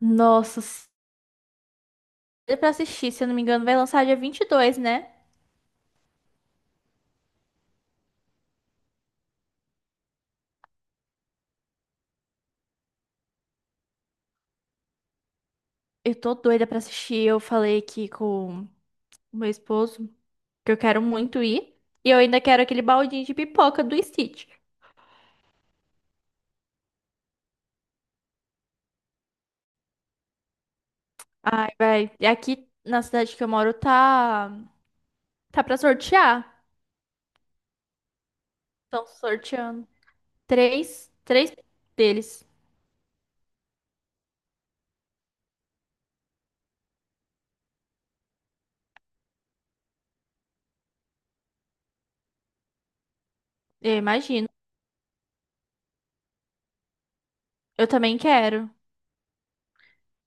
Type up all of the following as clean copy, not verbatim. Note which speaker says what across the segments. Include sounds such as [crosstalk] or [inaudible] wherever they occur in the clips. Speaker 1: Nossa, doida pra assistir, se eu não me engano, vai lançar dia 22, né? Eu tô doida pra assistir. Eu falei aqui com o meu esposo que eu quero muito ir. E eu ainda quero aquele baldinho de pipoca do Stitch. Ai, vai. E aqui na cidade que eu moro tá. Tá pra sortear. Estão sorteando. Três. Três deles. Eu imagino. Eu também quero.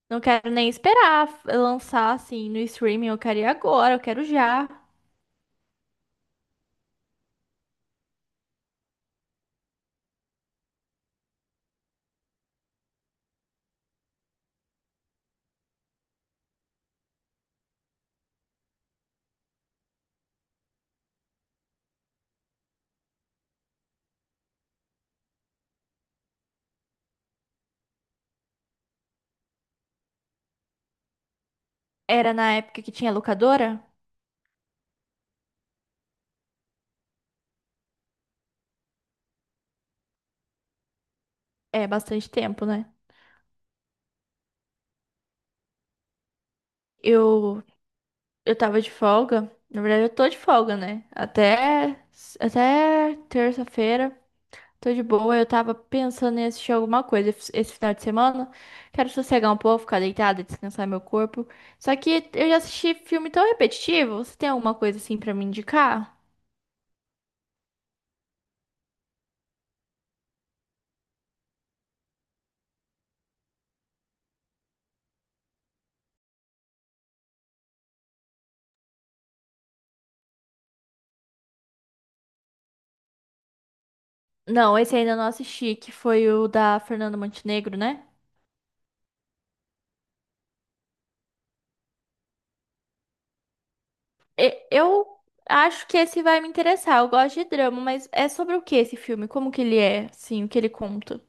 Speaker 1: Não quero nem esperar lançar assim no streaming. Eu quero ir agora, eu quero já. Era na época que tinha locadora? É bastante tempo, né? Eu eu tava de folga. Na verdade, eu tô de folga, né? Até terça-feira. Tô de boa. Eu tava pensando em assistir alguma coisa esse final de semana. Quero sossegar um pouco, ficar deitada, descansar meu corpo. Só que eu já assisti filme tão repetitivo. Você tem alguma coisa assim pra me indicar? Não, esse ainda não assisti, que foi o da Fernanda Montenegro, né? Eu acho que esse vai me interessar. Eu gosto de drama, mas é sobre o que esse filme? Como que ele é, assim, o que ele conta?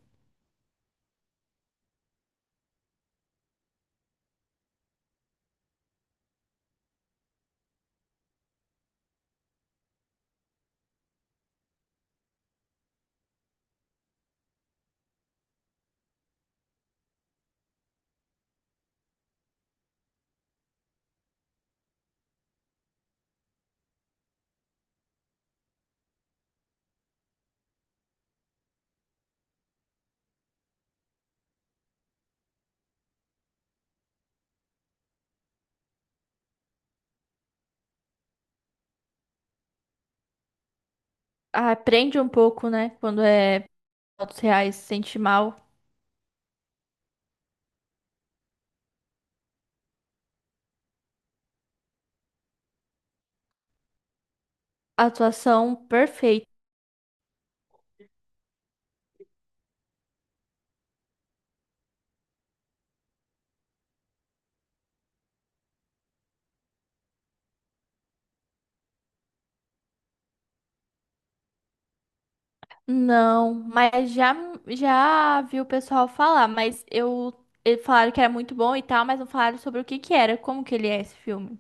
Speaker 1: Ah, prende um pouco, né? Quando é fatos reais, se sente mal. Atuação perfeita. Não, mas já vi o pessoal falar, mas eu eles falaram que era muito bom e tal, mas não falaram sobre o que que era, como que ele é esse filme.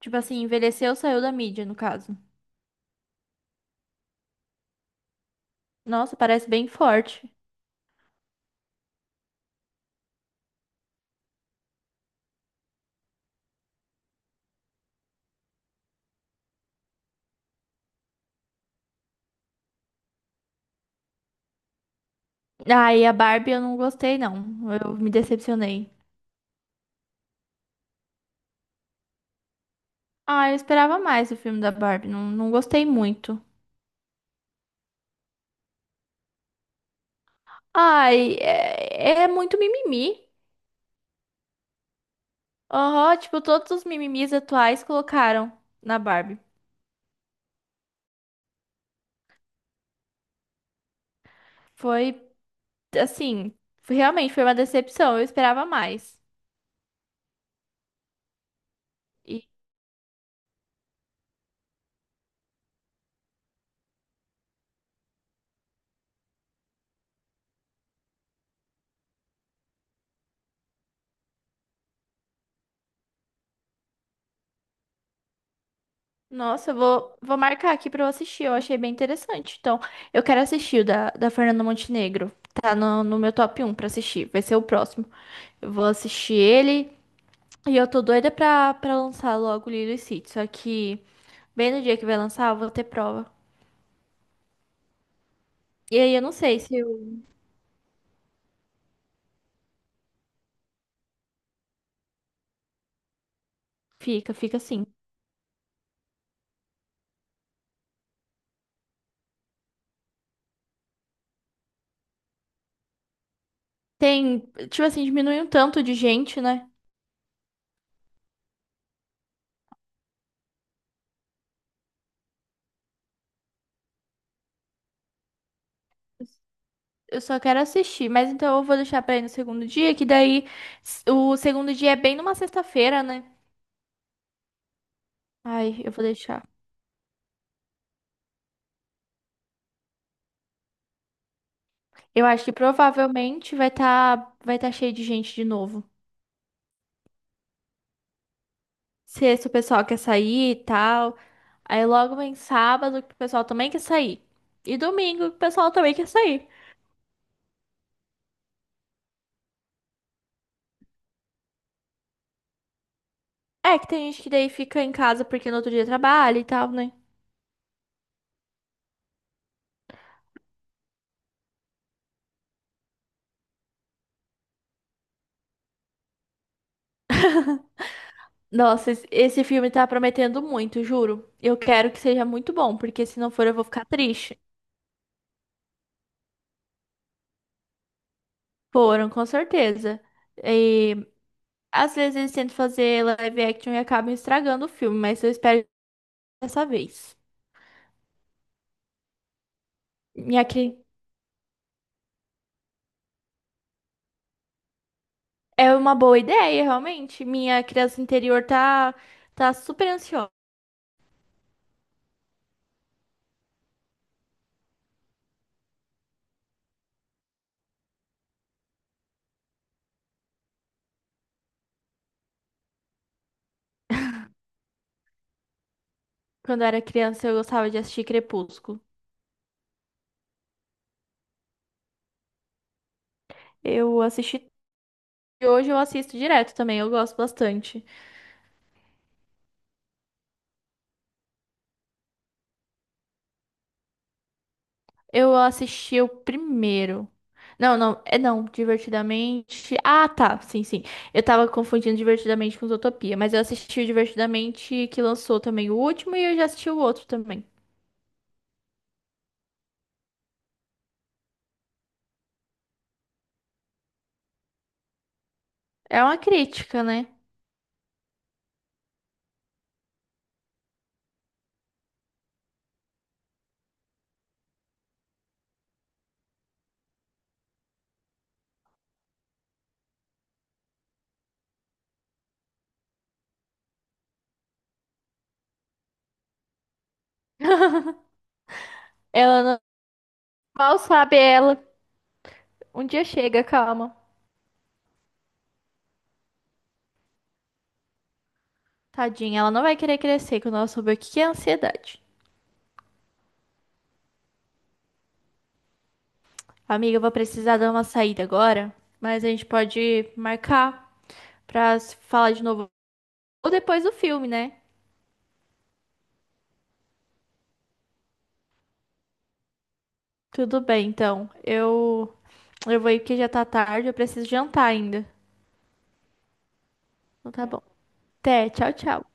Speaker 1: Tipo assim, envelheceu, saiu da mídia, no caso. Nossa, parece bem forte. Ah, e a Barbie eu não gostei, não. Eu me decepcionei. Ah, eu esperava mais o filme da Barbie. Não, não gostei muito. Ai, é muito mimimi. Aham, tipo, todos os mimimis atuais colocaram na Barbie. Foi, assim, realmente foi uma decepção. Eu esperava mais. E, nossa, vou marcar aqui pra eu assistir. Eu achei bem interessante. Então, eu quero assistir da Fernanda Montenegro. Tá no meu top um pra assistir. Vai ser o próximo. Eu vou assistir ele. E eu tô doida pra lançar logo Lilo e Stitch, só que bem no dia que vai lançar, eu vou ter prova. E aí eu não sei se eu... fica assim. Tem, tipo assim, diminui um tanto de gente, né? Eu só quero assistir, mas então eu vou deixar pra ir no segundo dia, que daí o segundo dia é bem numa sexta-feira, né? Ai, eu vou deixar. Eu acho que provavelmente vai tá cheio de gente de novo. Sexta o pessoal quer sair e tal. Aí logo vem sábado que o pessoal também quer sair. E domingo que o pessoal também quer sair. É que tem gente que daí fica em casa porque no outro dia trabalha e tal, né? Nossa, esse filme tá prometendo muito, juro. Eu quero que seja muito bom, porque se não for eu vou ficar triste. Foram, com certeza. E às vezes eles tentam fazer live action e acabam estragando o filme, mas eu espero dessa vez. E aqui. É uma boa ideia, realmente. Minha criança interior tá super ansiosa. Quando eu era criança, eu gostava de assistir Crepúsculo. Eu assisti. E hoje eu assisto direto também, eu gosto bastante. Eu assisti o primeiro. Não, não, é não, Divertidamente. Ah, tá, sim, sim. Eu tava confundindo Divertidamente com Zootopia, mas eu assisti o Divertidamente que lançou também o último e eu já assisti o outro também. É uma crítica, né? [laughs] Ela não... Mal sabe ela. Um dia chega, calma. Tadinha, ela não vai querer crescer quando ela souber o que que é ansiedade. Amiga, eu vou precisar dar uma saída agora, mas a gente pode marcar pra se falar de novo ou depois do filme, né? Tudo bem, então. Eu vou ir porque já tá tarde, eu preciso jantar ainda. Então tá bom. Até, tchau, tchau.